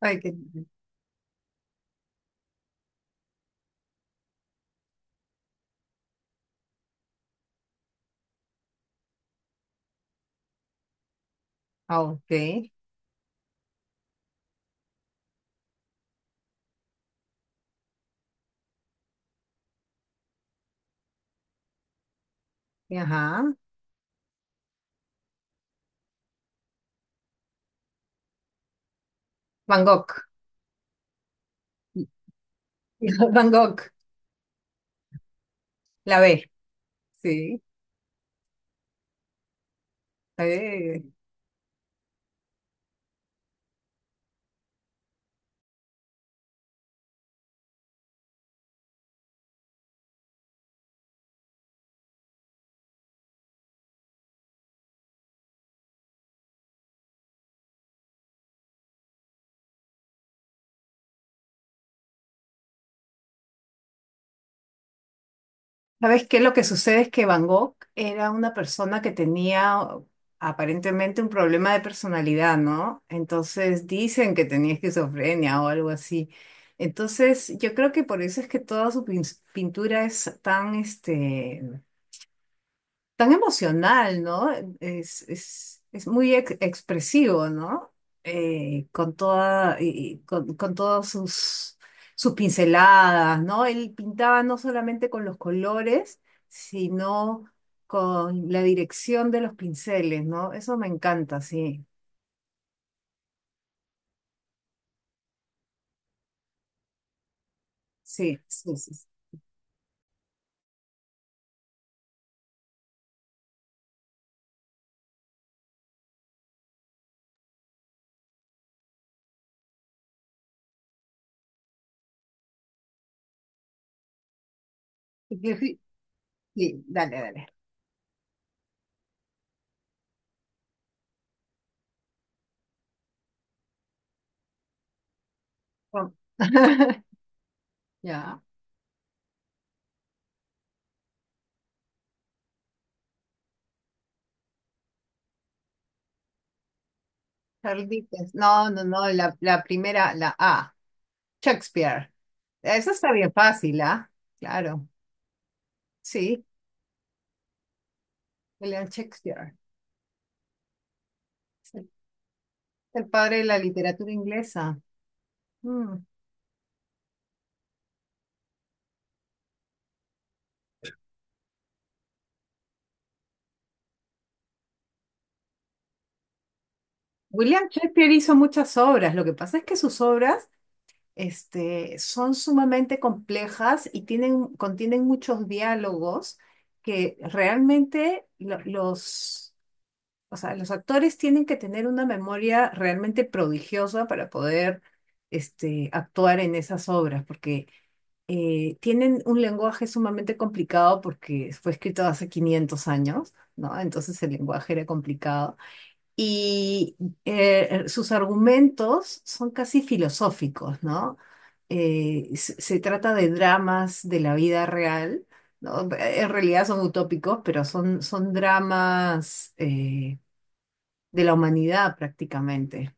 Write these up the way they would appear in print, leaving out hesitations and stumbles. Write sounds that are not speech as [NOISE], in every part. Ay, qué. Ah, ok, ajá. Van Gogh. Van Gogh, [LAUGHS] la B, sí. la ¿Sabes qué? Lo que sucede es que Van Gogh era una persona que tenía aparentemente un problema de personalidad, ¿no? Entonces dicen que tenía esquizofrenia o algo así. Entonces yo creo que por eso es que toda su pintura es tan emocional, ¿no? Es muy expresivo, ¿no? Eh, con toda, y- y con todas sus pinceladas, ¿no? Él pintaba no solamente con los colores, sino con la dirección de los pinceles, ¿no? Eso me encanta, sí, sí, sí, sí. Sí, sí, dale, dale. Vamos. [LAUGHS] Ya. Charles Dickens. No, no, no, la primera, la A. Shakespeare. Eso está bien fácil, ¿ah? Claro, sí, William Shakespeare. Es el padre de la literatura inglesa. Mm. William Shakespeare hizo muchas obras. Lo que pasa es que sus obras, este, son sumamente complejas y tienen, contienen muchos diálogos que realmente los, o sea, los actores tienen que tener una memoria realmente prodigiosa para poder, este, actuar en esas obras, porque tienen un lenguaje sumamente complicado porque fue escrito hace 500 años, ¿no? Entonces el lenguaje era complicado. Y Sus argumentos son casi filosóficos, ¿no? Se trata de dramas de la vida real, ¿no? En realidad son utópicos, pero son dramas de la humanidad prácticamente.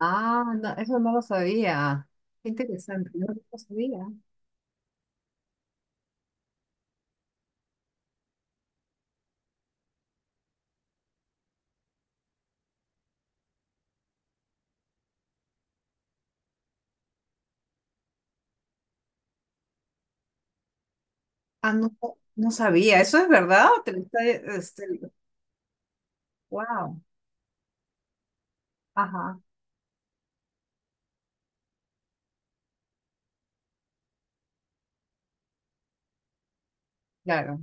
Ah, no, eso no lo sabía. Qué interesante, no lo sabía. Ah, no, no sabía, ¿eso es verdad? ¿Te lo está- este, Wow, ajá, claro.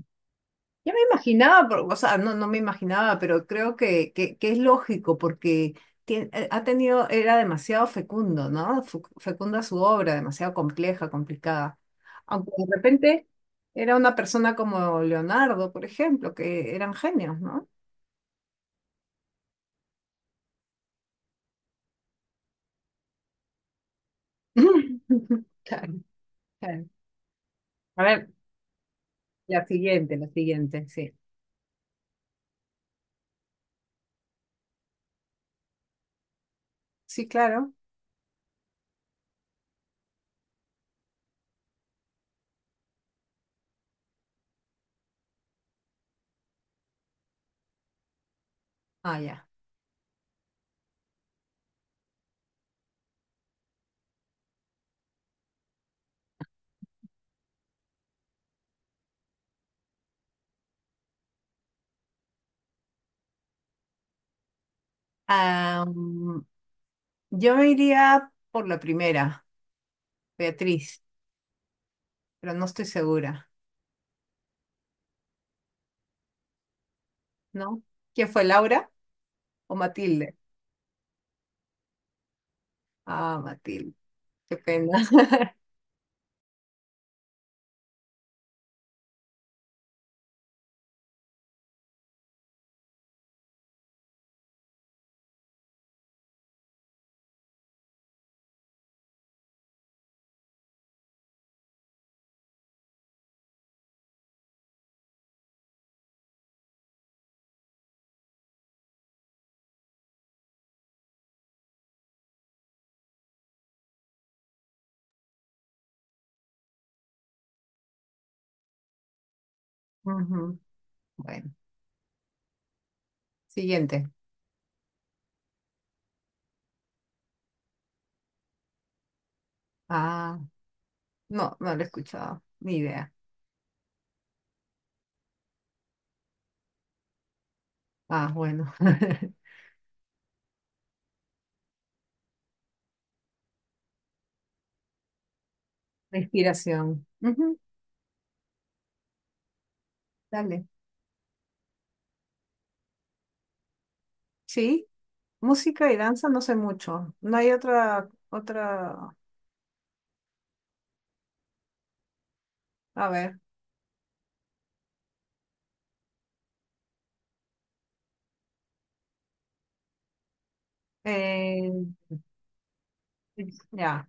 Ya me imaginaba, pero, o sea, no, no me imaginaba, pero creo que es lógico porque ha tenido, era demasiado fecundo, ¿no? Fecunda su obra, demasiado compleja, complicada. Aunque de repente era una persona como Leonardo, por ejemplo, que eran genios, ¿no? [LAUGHS] Claro, claro. A ver, la siguiente, sí. Sí, claro. Ah, ya. Am, yo me iría por la primera, Beatriz, pero no estoy segura, ¿no? ¿Quién fue, Laura o Matilde? Ah, Matilde, qué pena. [LAUGHS] Ujú. Bueno, siguiente. Ah, no, no lo he escuchado, ni idea. Ah, bueno. [LAUGHS] La inspiración. Ujú. Dale. Sí, música y danza no sé mucho. No hay a ver. eh, ya.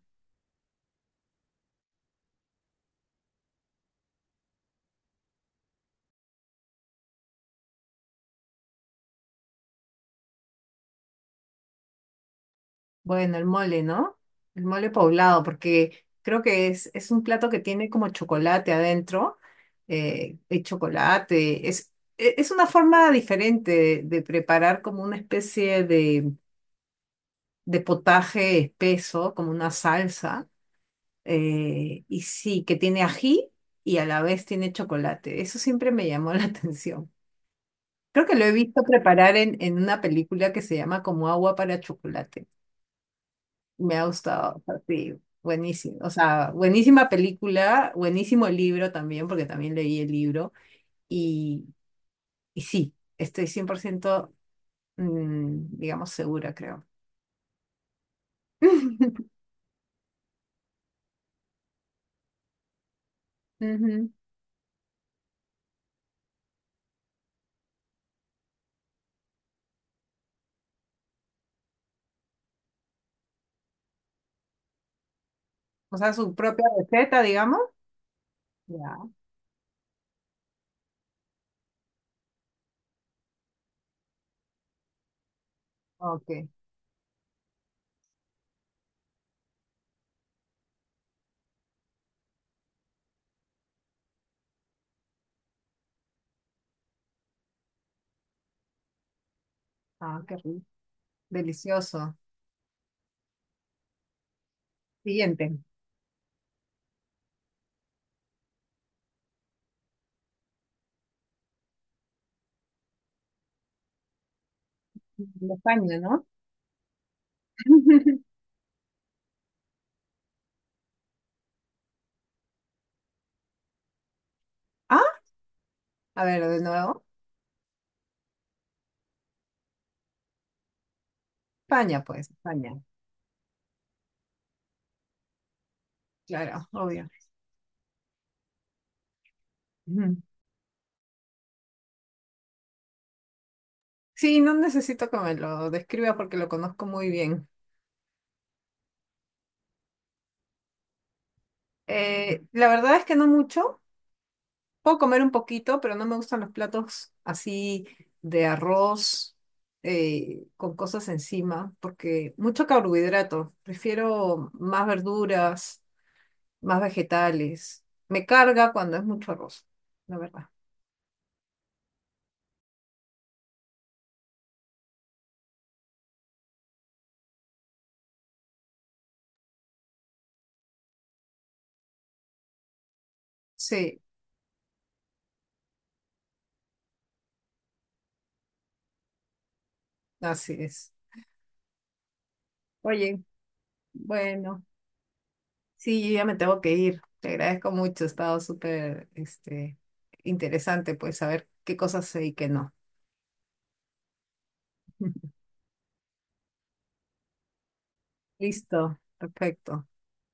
Bueno, el mole, ¿no? El mole poblado, porque creo que es un plato que tiene como chocolate adentro, el chocolate. Es una forma diferente de preparar como una especie de potaje espeso, como una salsa, y sí, que tiene ají y a la vez tiene chocolate. Eso siempre me llamó la [LAUGHS] atención. Creo que lo he visto preparar en una película que se llama como agua para chocolate. Me ha gustado, o sea, sí, buenísimo. O sea, buenísima película, buenísimo libro también, porque también leí el libro. Y, y sí, estoy 100%, mm, digamos, segura, creo. [LAUGHS] Ujú. O sea, su propia receta, digamos. Ya, ok. Ah, qué rico. Delicioso. Siguiente. De España, ¿no? [LAUGHS] Ah, a ver, de nuevo. España, pues, España. Claro, obvio. Ujú. Sí, no necesito que me lo describa porque lo conozco muy bien. La verdad es que no mucho. Puedo comer un poquito, pero no me gustan los platos así de arroz con cosas encima, porque mucho carbohidrato. Prefiero más verduras, más vegetales. Me carga cuando es mucho arroz, la verdad. Sí, así es. Oye, bueno, sí, yo ya me tengo que ir. Te agradezco mucho, ha estado súper este, interesante, pues, saber qué cosas sé y qué no. [LAUGHS] Listo, perfecto.